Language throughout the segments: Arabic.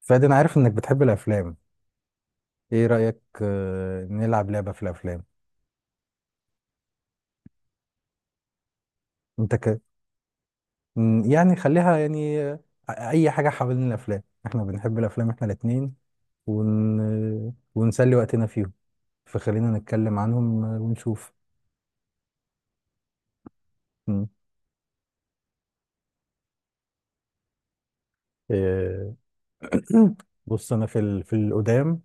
فادي، انا عارف انك بتحب الافلام. ايه رايك، نلعب لعبه في الافلام. انت ك... يعني خليها يعني اي حاجه حوالين الافلام. احنا بنحب الافلام احنا الاتنين ون... آه، ونسلي وقتنا فيهم. فخلينا نتكلم عنهم ونشوف. م. آه. بص، انا في القدام.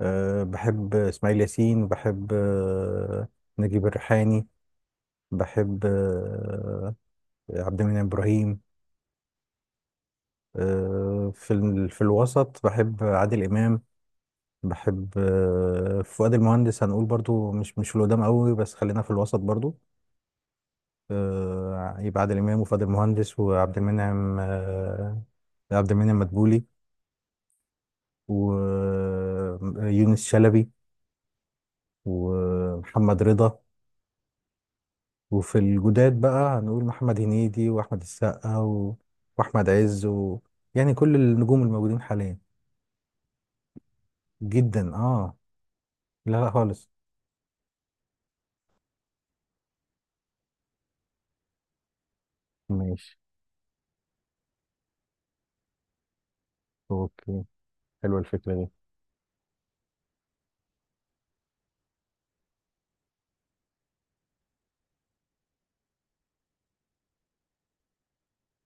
بحب اسماعيل ياسين. بحب نجيب الريحاني. بحب عبد المنعم ابراهيم. في الوسط بحب عادل إمام. بحب فؤاد المهندس. هنقول برضو مش في القدام قوي، بس خلينا في الوسط برضو. يبقى عادل إمام وفؤاد المهندس وعبد المنعم عبد المنعم مدبولي. ويونس شلبي. ومحمد رضا. وفي الجداد بقى هنقول محمد هنيدي وأحمد السقا وأحمد عز يعني كل النجوم الموجودين حاليا. جدا. اه. لا، لا خالص. ماشي. اوكي. حلوة الفكرة دي.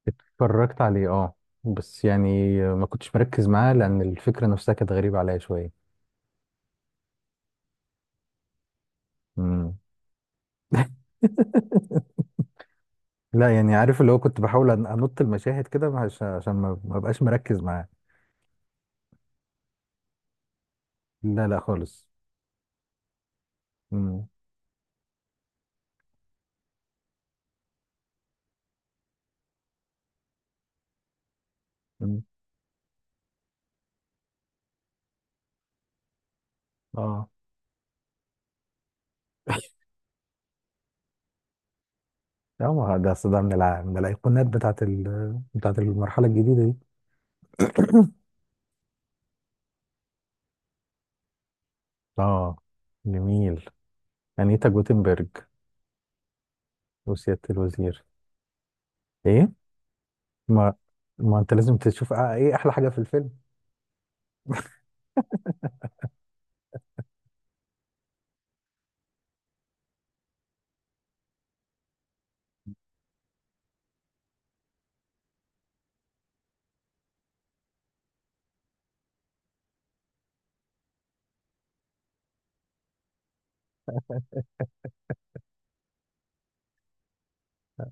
اتفرجت عليه، اه. بس يعني ما كنتش مركز معاه لأن الفكرة نفسها كانت غريبة عليا شوية. مم. لا، يعني عارف اللي هو، كنت بحاول أنط المشاهد كده عشان ما بقاش مركز معاه. لا، لا خالص. مم. مم. اه. اه، ما هو ده أصل ده من الأيقونات بتاعت المرحلة الجديدة دي. اه، جميل. أنيتا جوتنبرج. وسيادة الوزير. ايه. ما ما انت لازم تشوف ايه احلى حاجة في الفيلم.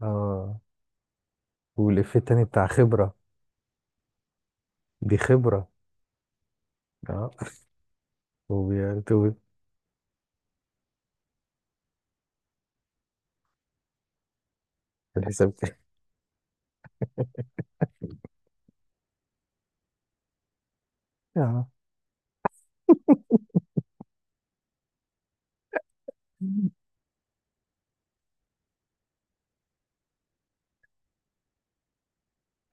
اه، والإفيه التاني بتاع خبرة. دي خبرة. اه، وبيكتب في الحساب كده. اه.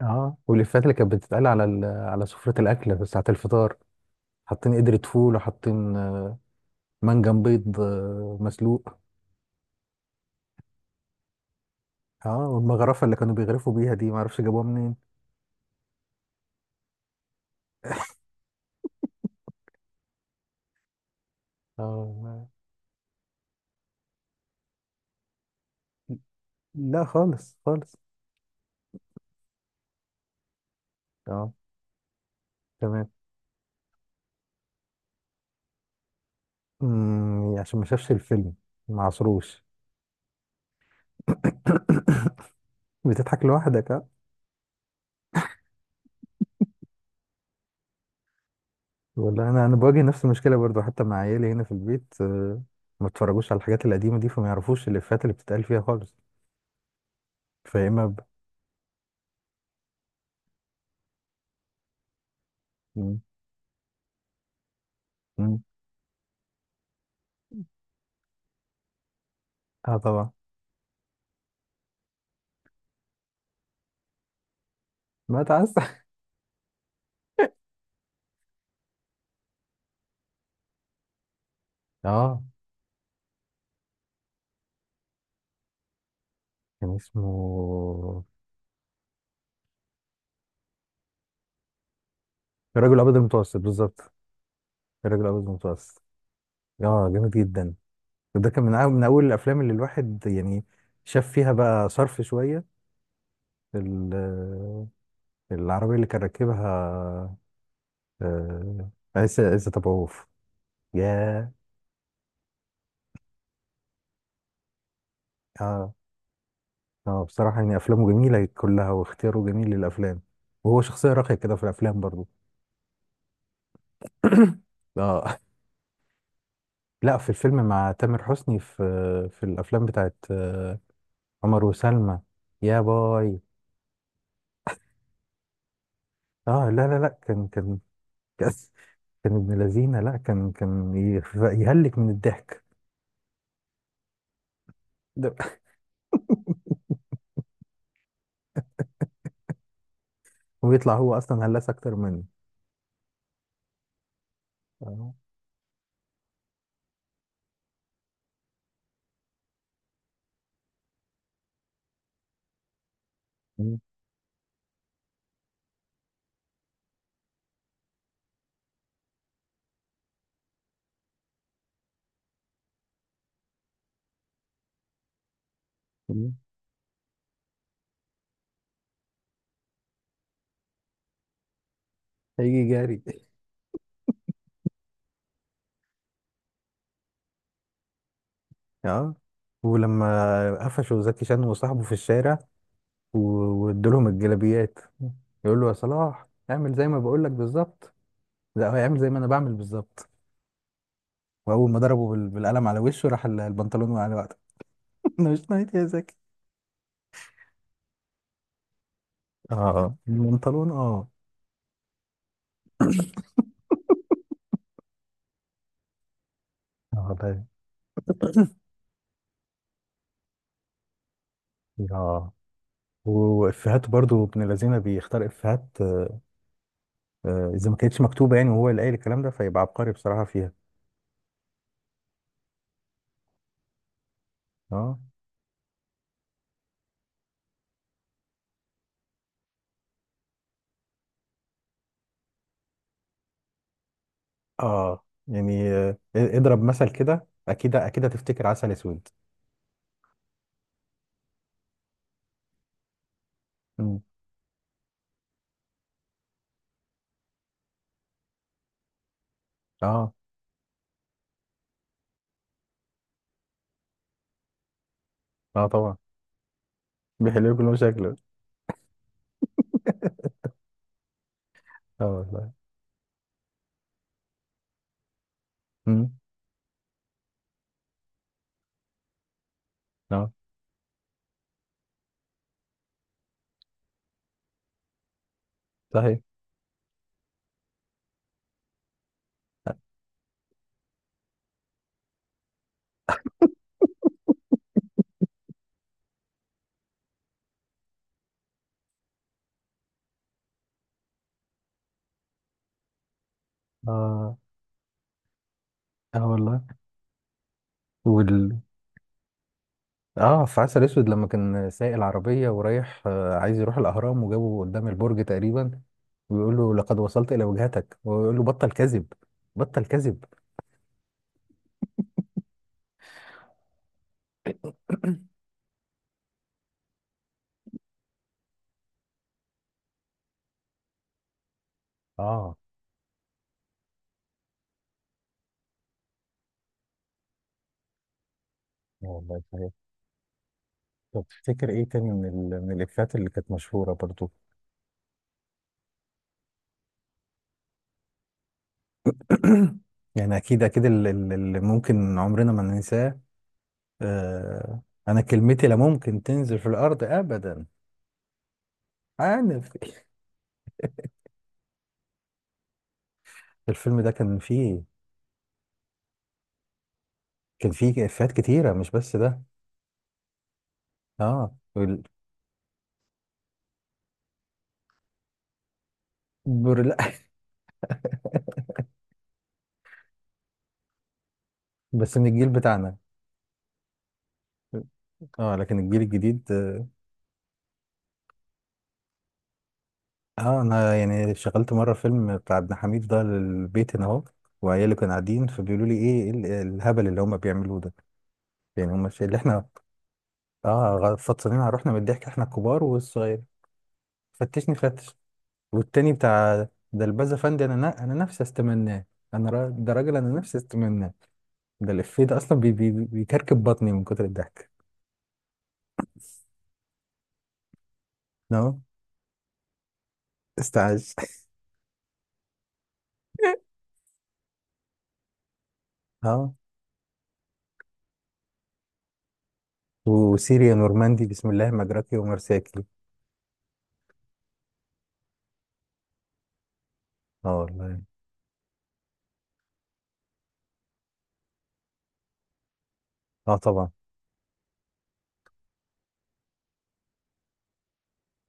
اه، والإفيهات اللي كانت بتتقال على سفرة الأكل في ساعة الفطار. حاطين قدرة فول وحاطين منجم بيض مسلوق. اه، والمغرفة اللي كانوا بيغرفوا بيها دي معرفش جابوها منين. اه، لا خالص خالص. اه، تمام. عشان ما شافش الفيلم. ما عصروش. بتضحك لوحدك، آه. والله، انا بواجه نفس المشكله برضو حتى مع عيالي هنا في البيت ما اتفرجوش على الحاجات القديمه دي فما يعرفوش الافيهات اللي بتتقال فيها خالص. فيا اما مم. مم. اه، طبعا. ما تعس اه، كان اسمه الرجل الابيض المتوسط بالظبط. الرجل الابيض المتوسط. اه، جامد جدا. ده كان من اول الافلام اللي الواحد يعني شاف فيها بقى صرف شويه. ال- العربيه اللي كان راكبها آه، عيسى طبعوف. ياه. آه. اه، بصراحة يعني أفلامه جميلة كلها واختياره جميل للأفلام. وهو شخصية راقية كده في الأفلام برضو. اه، لا، في الفيلم مع تامر حسني في الأفلام بتاعت عمر وسلمى. يا باي. اه، لا، لا، لا، كان كان ابن لذينة. لا، كان يهلك من الضحك. ده- ويطلع هو أصلا هلاس أكتر منه. اه. مم. مم. هيجي جاري. اه، ولما قفشوا زكي شان وصاحبه في الشارع و- وادولهم الجلابيات. يقول له، يا صلاح اعمل زي ما بقول لك بالظبط. لا، هو يعمل زي ما انا بعمل بالظبط. واول ما ضربه بالقلم على وشه راح البنطلون وقع على وقته. انا مش نايت يا زكي. اه، البنطلون اه. اه، ده. اه، وافيهاته برضو ابن الذين بيختار افيهات. اذا ما كانتش مكتوبه يعني وهو اللي قايل الكلام ده فيبقى عبقري بصراحه فيها. اه. اه، يعني اضرب مثل كده، اكيد اكيد هتفتكر عسل اسود. مم. اه. اه، طبعا. بيحلو كل مشاكله. اه، والله. امم. اه، صحيح. اه. اه، والله. وال اه، في عسل اسود لما كان سايق العربيه ورايح عايز يروح الاهرام وجابه قدام البرج تقريبا. ويقول له لقد وصلت الى وجهتك، ويقول له بطل كذب. بطل كذب. اه، والله، صحيح. طب تفتكر ايه تاني من الافيهات اللي كانت مشهوره برضو. يعني اكيد اكيد اللي ممكن عمرنا ما ننساه. آه انا كلمتي لا ممكن تنزل في الارض ابدا. عارف؟ الفيلم ده كان فيه افيهات كتيره، مش بس ده. اه، برلا. بس من الجيل بتاعنا. اه، لكن الجيل الجديد. اه، انا يعني شغلت مره فيلم بتاع ابن حميد ده للبيت هنا اهو. وعيالي كانوا قاعدين فبيقولوا لي إيه الهبل اللي هم بيعملوه ده. يعني هم الشيء اللي احنا، اه، فطسانين على روحنا من الضحك احنا الكبار والصغير. فتشني فتش. والتاني بتاع ده البازا فندي، انا نفسي استمناه. ده راجل انا نفسي استمناه. ده الإفيه ده أصلا بي بي بيكركب بطني من كتر الضحك. اه، استعاذ. اه، وسيريا نورماندي بسم الله مجراكي ومرساكي. اه، والله. اه، طبعا.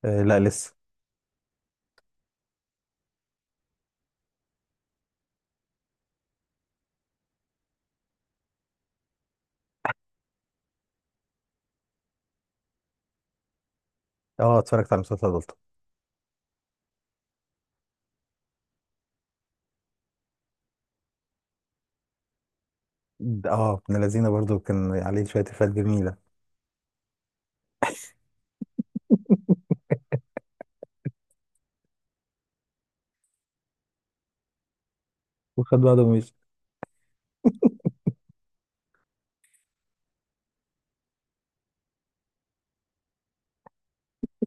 لا، لسه. اه، اتفرجت على مسلسل بلطو. اه، ابن لذينه برضو كان عليه شوية إفيهات جميلة. وخد بعضه ومشي.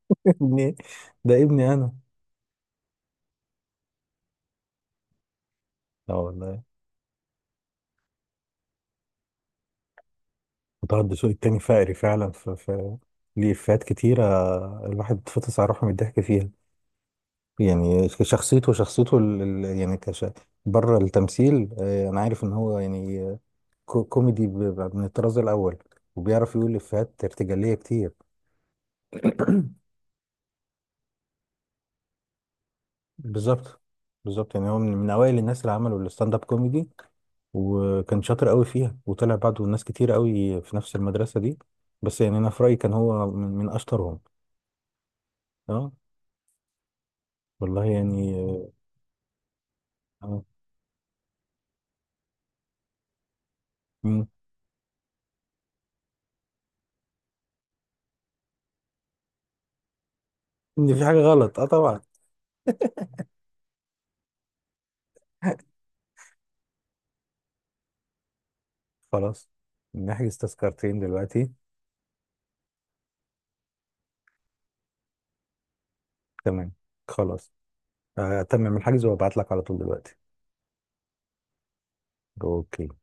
ابني. ده ابني أنا. اه، والله. وطه الدسوقي التاني فقري فعلا في ليه إفيهات كتيرة. الواحد اتفطس على روحه من الضحك فيها. يعني شخصيته يعني بره التمثيل، انا عارف ان هو يعني كوميدي من الطراز الاول. وبيعرف يقول افيهات ارتجاليه كتير. بالظبط. بالظبط، يعني هو من اوائل الناس اللي عملوا الستاند اب كوميدي. وكان شاطر قوي فيها، وطلع بعده ناس كتير قوي في نفس المدرسه دي. بس يعني انا في رايي كان هو من اشطرهم. اه. والله يعني آه، مم. ان في حاجه غلط. اه، طبعا. خلاص، نحجز تذكرتين دلوقتي. تمام. خلاص. تمام الحجز وابعت لك على طول دلوقتي. اوكي.